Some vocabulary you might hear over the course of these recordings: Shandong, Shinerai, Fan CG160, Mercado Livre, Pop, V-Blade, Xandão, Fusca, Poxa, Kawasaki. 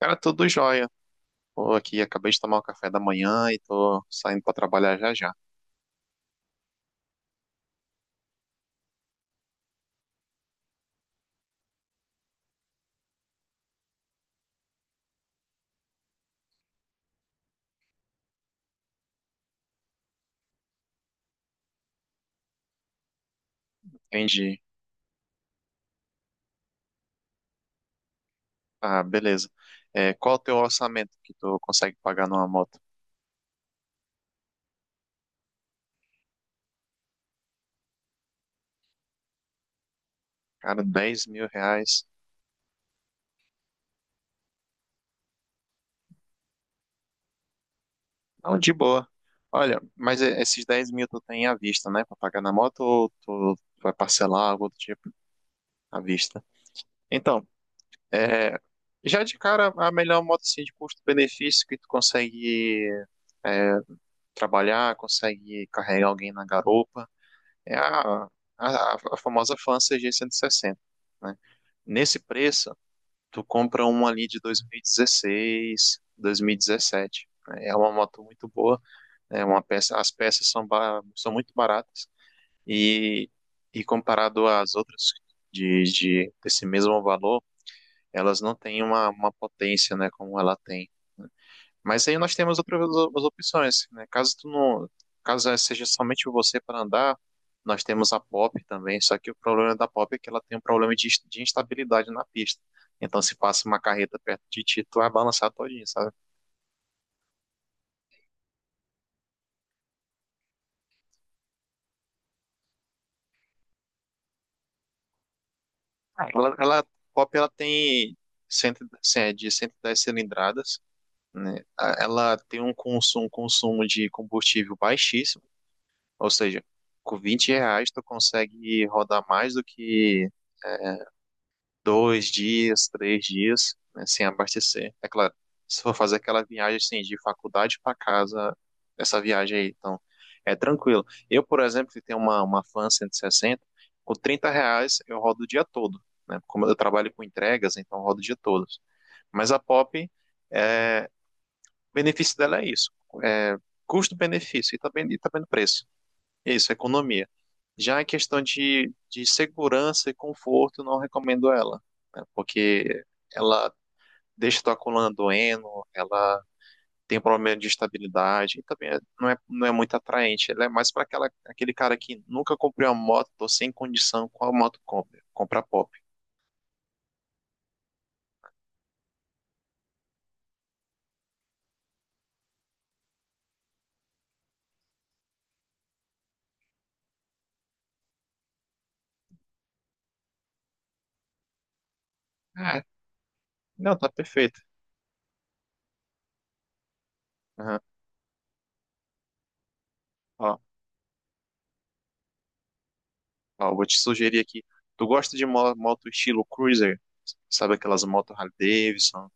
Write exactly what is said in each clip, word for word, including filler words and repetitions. Cara, tudo jóia. Tô aqui, acabei de tomar o café da manhã e tô saindo pra trabalhar já já. Entendi. Ah, beleza. É, qual o teu orçamento que tu consegue pagar numa moto? Cara, dez mil reais. Não, de boa. Olha, mas e- esses dez mil tu tem à vista, né? Pra pagar na moto ou tu vai parcelar algo do tipo à vista? Então, é, já de cara, a melhor moto assim, de custo-benefício que tu consegue é, trabalhar, consegue carregar alguém na garupa. É a, a, a famosa fan C G cento e sessenta, né? Nesse preço, tu compra uma ali de dois mil e dezesseis, dois mil e dezessete. Né? É uma moto muito boa, é uma peça, as peças são, ba- são muito baratas e, e comparado às outras de, de desse mesmo valor, elas não têm uma, uma potência, né, como ela tem. Né? Mas aí nós temos outras outras opções, né? Caso tu não, caso seja somente você para andar, nós temos a Pop também, só que o problema da Pop é que ela tem um problema de, ins- de instabilidade na pista. Então se passa uma carreta perto de ti, tu vai balançar todinho, sabe? Ela, ela- Pop ela tem, cento, cem- é de cento e dez cilindradas, né? A- Ela tem um consumo, um consumo de combustível baixíssimo, ou seja, com vinte reais tu consegue rodar mais do que dois dias, três dias, né, sem abastecer. É claro, se for fazer aquela viagem assim, de faculdade para casa, essa viagem aí, então é tranquilo. Eu, por exemplo, que tenho uma, uma Fan cento e sessenta, com trinta reais eu rodo o dia todo, né? Como eu trabalho com entregas, então eu rodo o dia todo. Mas a Pop, é, o benefício dela é isso, é custo-benefício e também, e também no preço. Isso, economia. Já a questão de, de segurança e conforto, eu não recomendo ela, né? Porque ela deixa tua coluna doendo, ela tem problema de estabilidade, e também é- não é, não é muito atraente. Ela é mais para aquela, aquele cara que nunca comprou uma moto, tô sem condição, qual moto compra? Compra pop. Ah, não, tá perfeito. Aham. Ó, ó, vou te sugerir aqui. Tu gosta de mo- moto estilo cruiser? Sabe aquelas motos Harley Davidson?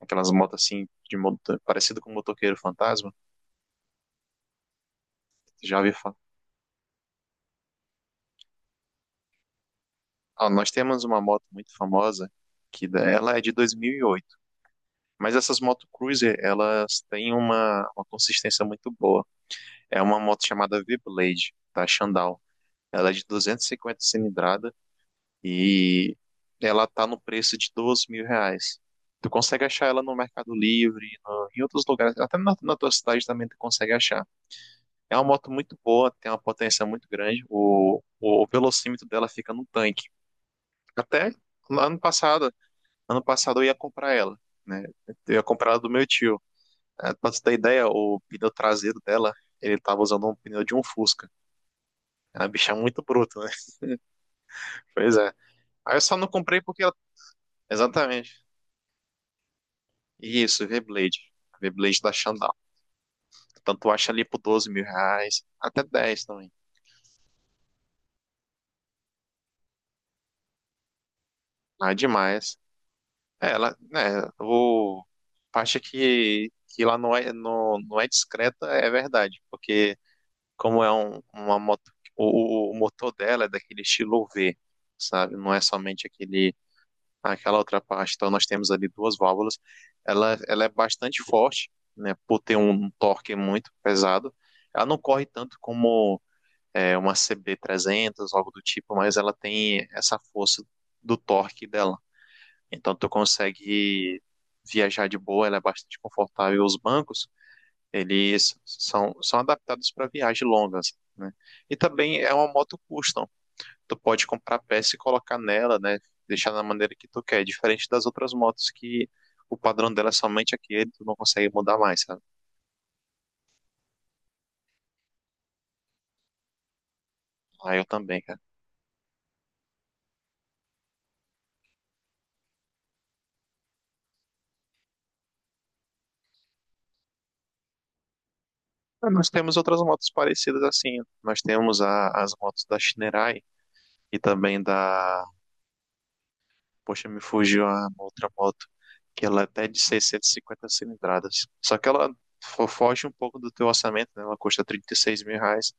Aquelas motos assim, de moto, parecido com o motoqueiro fantasma. Já ouvi falar. Ah, nós temos uma moto muito famosa, que da- ela é de dois mil e oito. Mas essas moto cruiser, elas têm uma, uma consistência muito boa. É uma moto chamada V-Blade, da Shandong. Ela é de duzentos e cinquenta cilindrada e ela tá no preço de doze mil reais. Tu consegue achar ela no Mercado Livre, no- em outros lugares, até na, na tua cidade também tu consegue achar. É uma moto muito boa, tem uma potência muito grande. O, o, velocímetro dela fica no tanque. Até ano passado, ano passado eu ia comprar ela, né? Eu ia comprar ela do meu tio. É, pra você ter ideia, o pneu traseiro dela, ele tava usando um pneu de um Fusca. É uma bicha muito bruta, né? Pois é. Aí eu só não comprei porque ela... Exatamente. Isso, V-Blade. V-Blade da Xandão. Tanto acha ali por doze mil reais, até dez também. Ah, demais. É, ela, né, o a parte é que, que lá não é, não, não é discreta é verdade, porque como é um, uma moto, o, o o motor dela é daquele estilo V, sabe? Não é somente aquele, aquela outra parte. Então nós temos ali duas válvulas. Ela, ela é bastante forte, né, por ter um torque muito pesado. Ela não corre tanto como é, uma cb trezentos algo do tipo, mas ela tem essa força do torque dela. Então tu consegue viajar de boa, ela é bastante confortável. Os bancos, eles são, são adaptados para viagens longas, né? E também é uma moto custom. Tu pode comprar peça e colocar nela, né? Deixar da maneira que tu quer, diferente das outras motos que o padrão dela é somente aquele, tu não consegue mudar mais, sabe? Ah, eu também, cara. Mas nós temos outras motos parecidas assim. Nós temos a- as motos da Shinerai e também da... Poxa, me fugiu a outra moto, que ela é até de seiscentos e cinquenta cilindradas. Só que ela fo- foge um pouco do teu orçamento, né? Ela custa trinta e seis mil reais,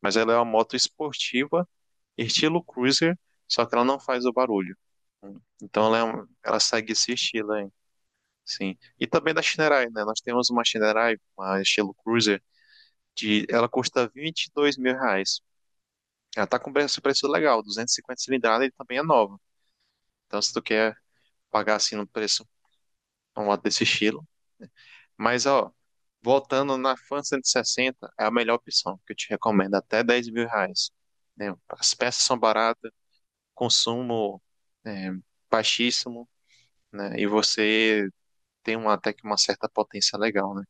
mas ela é uma moto esportiva, estilo cruiser, só que ela não faz o barulho. Então ela, é um- ela segue esse estilo aí, sim. E também da Shinerai, né? Nós temos uma Shinerai, uma estilo cruiser, de, ela custa vinte e dois mil reais. Ela tá com preço, preço legal, duzentos e cinquenta cilindradas e também é nova. Então se tu quer pagar assim no preço uma moto desse estilo... Mas, ó, voltando na Fan cento e sessenta, é a melhor opção que eu te recomendo, até dez mil reais. Né? As peças são baratas, consumo é, baixíssimo, né? E você tem uma, até que uma certa potência legal, né?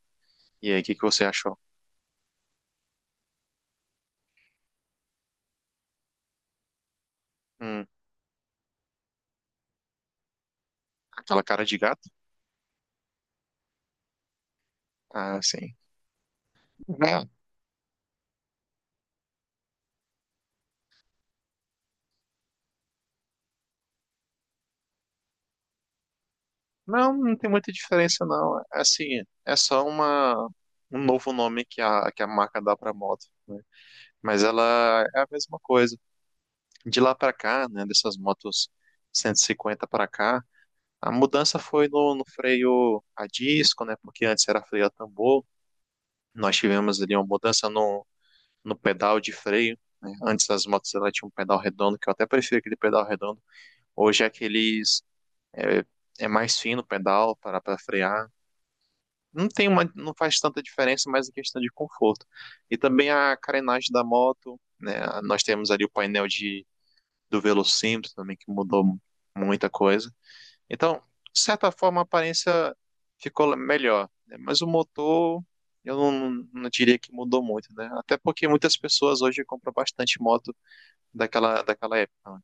E aí, o que que você achou? Hum, aquela cara de gato? Ah, sim. É, não, não tem muita diferença, não. É assim, é só uma, um novo nome que a, que a marca dá pra moto, né? Mas ela é a mesma coisa. De lá para cá, né, dessas motos cento e cinquenta para cá, a mudança foi no, no freio a disco, né, porque antes era freio a tambor. Nós tivemos ali uma mudança no, no pedal de freio. Né. Antes as motos elas tinham um pedal redondo, que eu até prefiro aquele pedal redondo. Hoje é aqueles é, é mais fino o pedal para para frear. Não tem uma, não faz tanta diferença, mas é questão de conforto. E também a carenagem da moto, né? Nós temos ali o painel de do Velocímetro também, que mudou muita coisa. Então, de certa forma, a aparência ficou melhor, né? Mas o motor eu não, não diria que mudou muito, né? Até porque muitas pessoas hoje compram bastante moto daquela, daquela época. Né?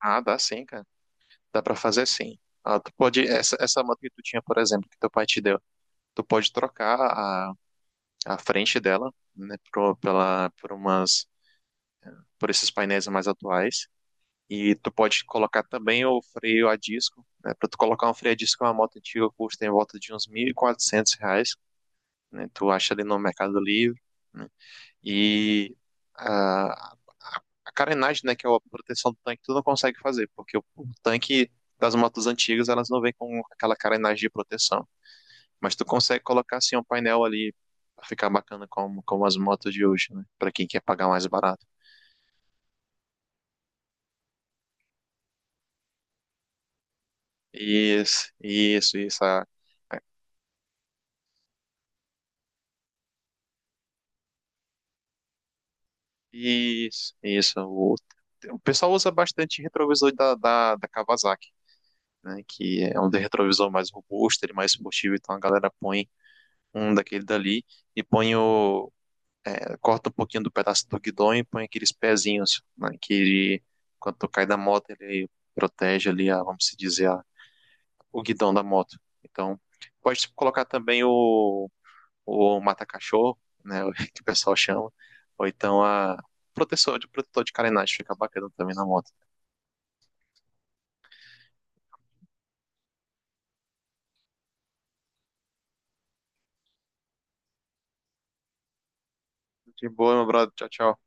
Ah, dá sim, cara. Dá para fazer sim. Ah, tu pode, essa, essa moto que tu tinha, por exemplo, que teu pai te deu, tu pode trocar a, a frente dela, né, por, pela, por umas, por esses painéis mais atuais. E tu pode colocar também o freio a disco, né? Para tu colocar um freio a disco em uma moto antiga custa em volta de uns mil e quatrocentos reais, né? Tu acha ali no Mercado Livre, né? E a, a, a carenagem, né, que é a proteção do tanque, tu não consegue fazer, porque o, o tanque das motos antigas, elas não vêm com aquela carenagem de proteção. Mas tu consegue colocar, assim, um painel ali pra ficar bacana como, como as motos de hoje, né? Pra quem quer pagar mais barato. Isso, isso, isso. A, isso, isso. O, o pessoal usa bastante retrovisor da, da, da Kawasaki, né? Que é um de retrovisor mais robusto, ele é mais combustível, então a galera põe um daquele dali e põe o. É, corta um pouquinho do pedaço do guidão e põe aqueles pezinhos, né? Que ele, quando tu cai da moto, ele protege ali, a, vamos se dizer, a- o guidão da moto. Então, pode colocar também o o mata-cachorro, né, o que o pessoal chama, ou então a protetor de, protetor de carenagem, fica bacana também na moto. De boa, meu brother. Tchau, tchau.